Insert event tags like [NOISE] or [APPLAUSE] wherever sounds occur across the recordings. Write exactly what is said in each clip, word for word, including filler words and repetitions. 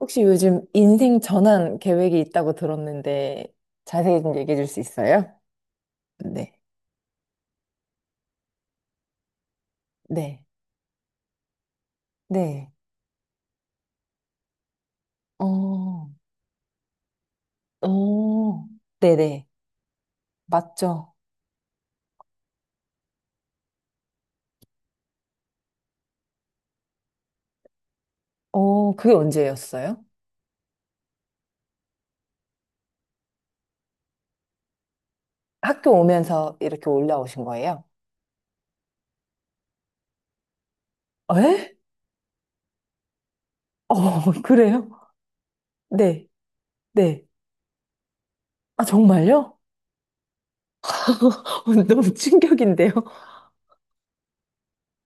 혹시 요즘 인생 전환 계획이 있다고 들었는데 자세히 좀 얘기해 줄 수 있어요? 네. 네, 네. 어, 어, 네네. 맞죠? 어, 그게 언제였어요? 학교 오면서 이렇게 올라오신 거예요? 에? 어, [LAUGHS] 그래요? 네, 네. 아, 정말요? [LAUGHS] 너무 충격인데요?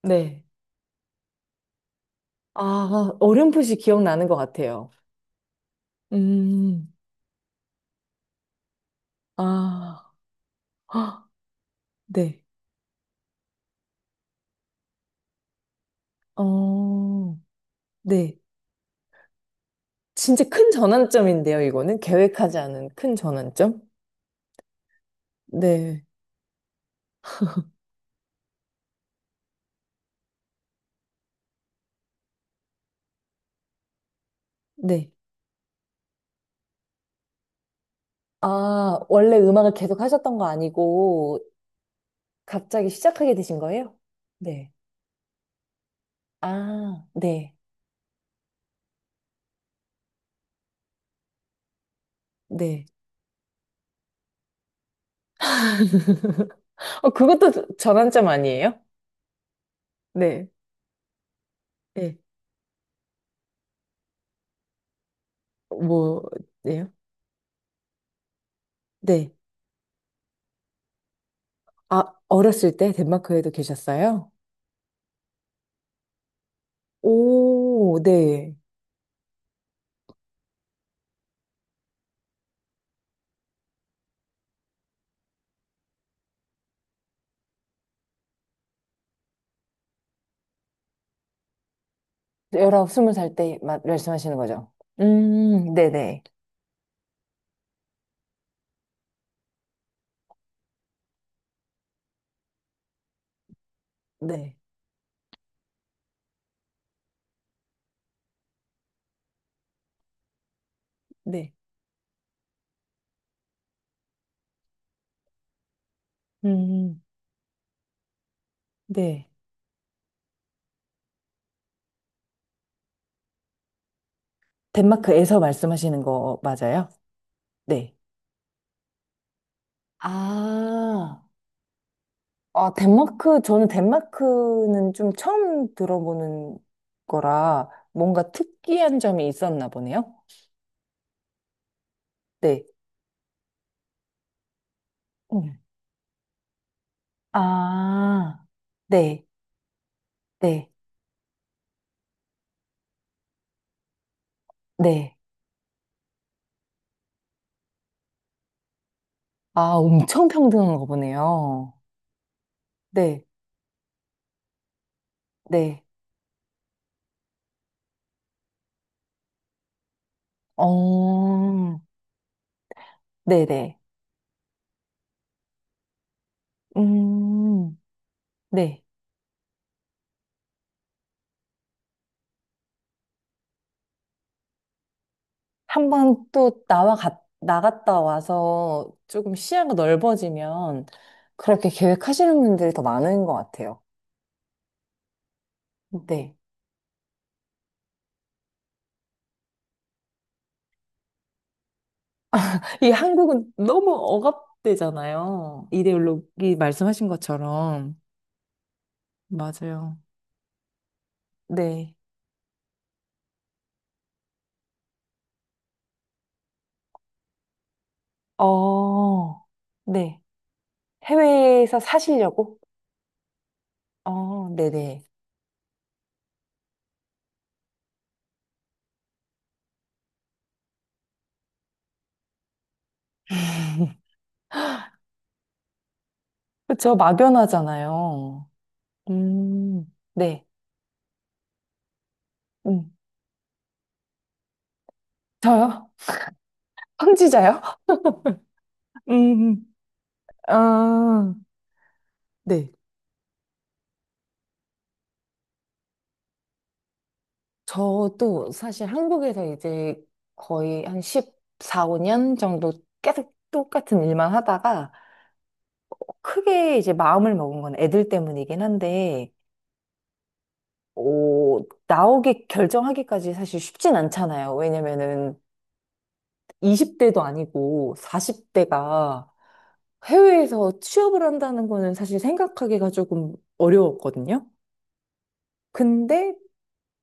네. 아, 어렴풋이 기억나는 것 같아요. 음, 아, 헉, 네. 어, 네. 진짜 큰 전환점인데요, 이거는. 계획하지 않은 큰 전환점? 네. 네. 아, 원래 음악을 계속 하셨던 거 아니고 갑자기 시작하게 되신 거예요? 네. 아, 네. 네. 어, 그것도 전환점 아니에요? 네. 네. 뭐, 예요? 네. 아, 어렸을 때 덴마크에도 계셨어요? 오, 네. 열아홉, 스무 살 때 말씀하시는 거죠? 음, 네네. 네. 네. 음. 네. 덴마크에서 말씀하시는 거 맞아요? 네. 아, 아, 덴마크, 저는 덴마크는 좀 처음 들어보는 거라 뭔가 특이한 점이 있었나 보네요. 네. 음. 아, 네, 네, 네. 아, 엄청 평등한 거 보네요. 네, 네. 어, 네네. 음, 네. 한 번 또 나와 갔, 나갔다 와서 조금 시야가 넓어지면 그렇게 계획하시는 분들이 더 많은 것 같아요. 네. 이 한국은 너무 억압되잖아요. 이데올로기 말씀하신 것처럼. 맞아요. 네. 어, 네. 해외에서 사시려고? 어, 네네. 그쵸, 막연하잖아요. 음, 네. 음. 저요? 황지자요? [LAUGHS] 음, 아, 네. 저도 사실 한국에서 이제 거의 한 십사, 오 년 정도 계속 똑같은 일만 하다가 크게 이제 마음을 먹은 건 애들 때문이긴 한데, 오, 나오기, 결정하기까지 사실 쉽진 않잖아요. 왜냐면은 이십 대도 아니고 사십 대가 해외에서 취업을 한다는 거는 사실 생각하기가 조금 어려웠거든요. 근데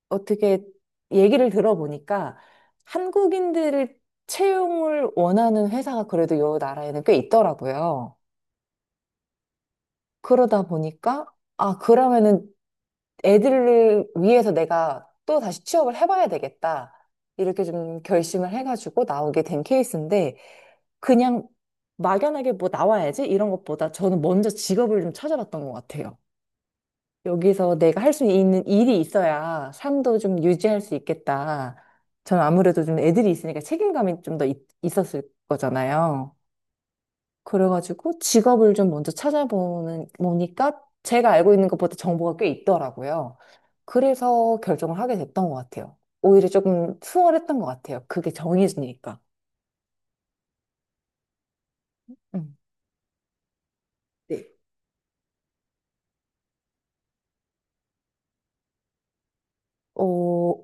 어떻게 얘기를 들어보니까 한국인들을 채용을 원하는 회사가 그래도 요 나라에는 꽤 있더라고요. 그러다 보니까, 아, 그러면은 애들을 위해서 내가 또 다시 취업을 해봐야 되겠다. 이렇게 좀 결심을 해가지고 나오게 된 케이스인데, 그냥 막연하게 뭐 나와야지 이런 것보다 저는 먼저 직업을 좀 찾아봤던 것 같아요. 여기서 내가 할 수 있는 일이 있어야 삶도 좀 유지할 수 있겠다. 저는 아무래도 좀 애들이 있으니까 책임감이 좀 더 있었을 거잖아요. 그래가지고 직업을 좀 먼저 찾아보는, 보니까 제가 알고 있는 것보다 정보가 꽤 있더라고요. 그래서 결정을 하게 됐던 것 같아요. 오히려 조금 수월했던 것 같아요. 그게 정해지니까. 음. 네. 어,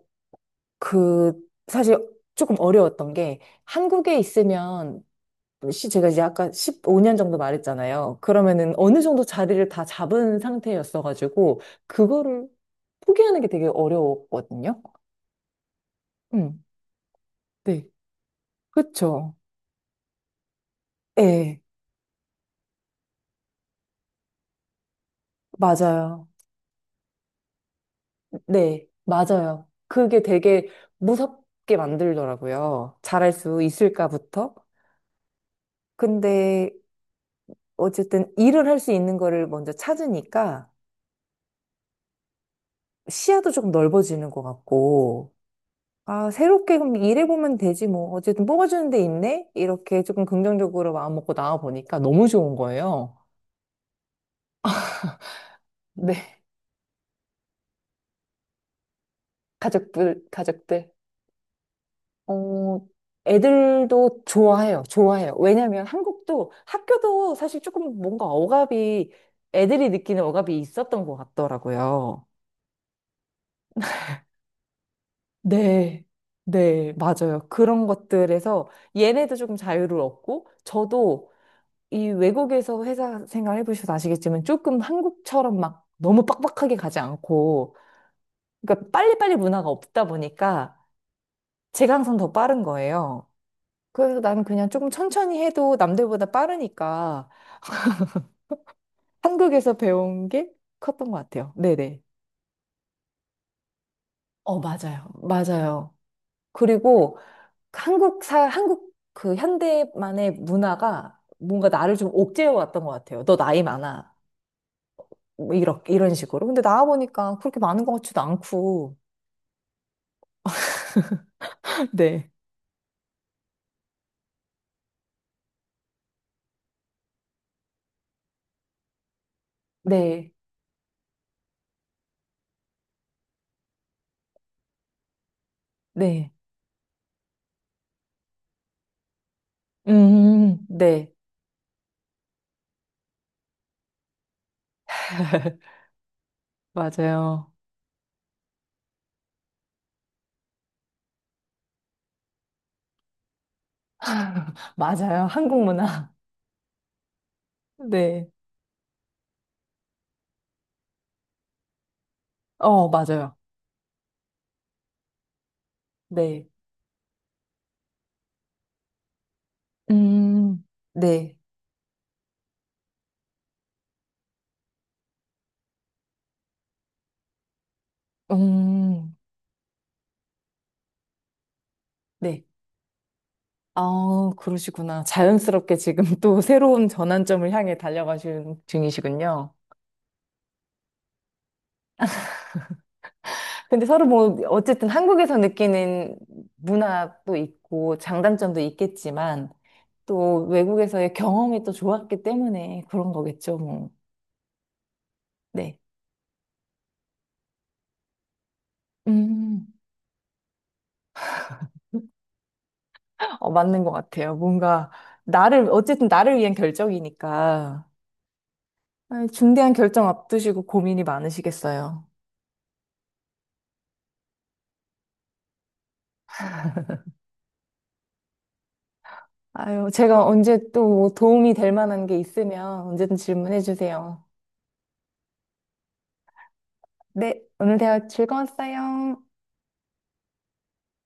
그, 사실 조금 어려웠던 게 한국에 있으면 시 제가 이제 아까 십오 년 정도 말했잖아요. 그러면은 어느 정도 자리를 다 잡은 상태였어가지고 그거를 포기하는 게 되게 어려웠거든요. 음, 네, 그쵸. 네, 맞아요. 네, 맞아요. 그게 되게 무섭게 만들더라고요. 잘할 수 있을까부터. 근데 어쨌든 일을 할 수 있는 거를 먼저 찾으니까 시야도 조금 넓어지는 것 같고. 아, 새롭게 그럼 일해보면 되지 뭐. 어쨌든 뽑아주는 데 있네? 이렇게 조금 긍정적으로 마음먹고 나와보니까 너무 좋은 거예요. 네, 가족들, 가족들. 어, 애들도 좋아해요. 좋아해요. 왜냐면 한국도 학교도 사실 조금 뭔가 억압이, 애들이 느끼는 억압이 있었던 것 같더라고요. 네, 네, 맞아요. 그런 것들에서 얘네도 조금 자유를 얻고, 저도 이 외국에서 회사 생활 해보셔서 아시겠지만 조금 한국처럼 막 너무 빡빡하게 가지 않고, 그러니까 빨리빨리 문화가 없다 보니까 제가 항상 더 빠른 거예요. 그래서 나는 그냥 조금 천천히 해도 남들보다 빠르니까 한국에서 배운 게 컸던 것 같아요. 네네. 어, 맞아요. 맞아요. 그리고 한국 사, 한국 그 현대만의 문화가 뭔가 나를 좀 옥죄어 왔던 것 같아요. 너 나이 많아. 뭐 이렇게, 이런 식으로. 근데 나와보니까 그렇게 많은 것 같지도 않고. 네, 네, 네. 음, 네. [LAUGHS] 맞아요. 맞아요. 한국 문화. 네, 어, 맞아요. 네. 음, 네. 음, 네. 아, 그러시구나. 자연스럽게 지금 [LAUGHS] 또 새로운 전환점을 향해 달려가시는 중이시군요. 근데 서로 뭐, 어쨌든 한국에서 느끼는 문화도 있고, 장단점도 있겠지만, 또 외국에서의 경험이 또 좋았기 때문에 그런 거겠죠, 뭐. 네. 음. 어, 맞는 것 같아요. 뭔가, 나를, 어쨌든 나를 위한 결정이니까. 아 중대한 결정 앞두시고 고민이 많으시겠어요. 아유, 제가 언제 또뭐 도움이 될 만한 게 있으면 언제든 질문해 주세요. 네, 오늘 대화 즐거웠어요.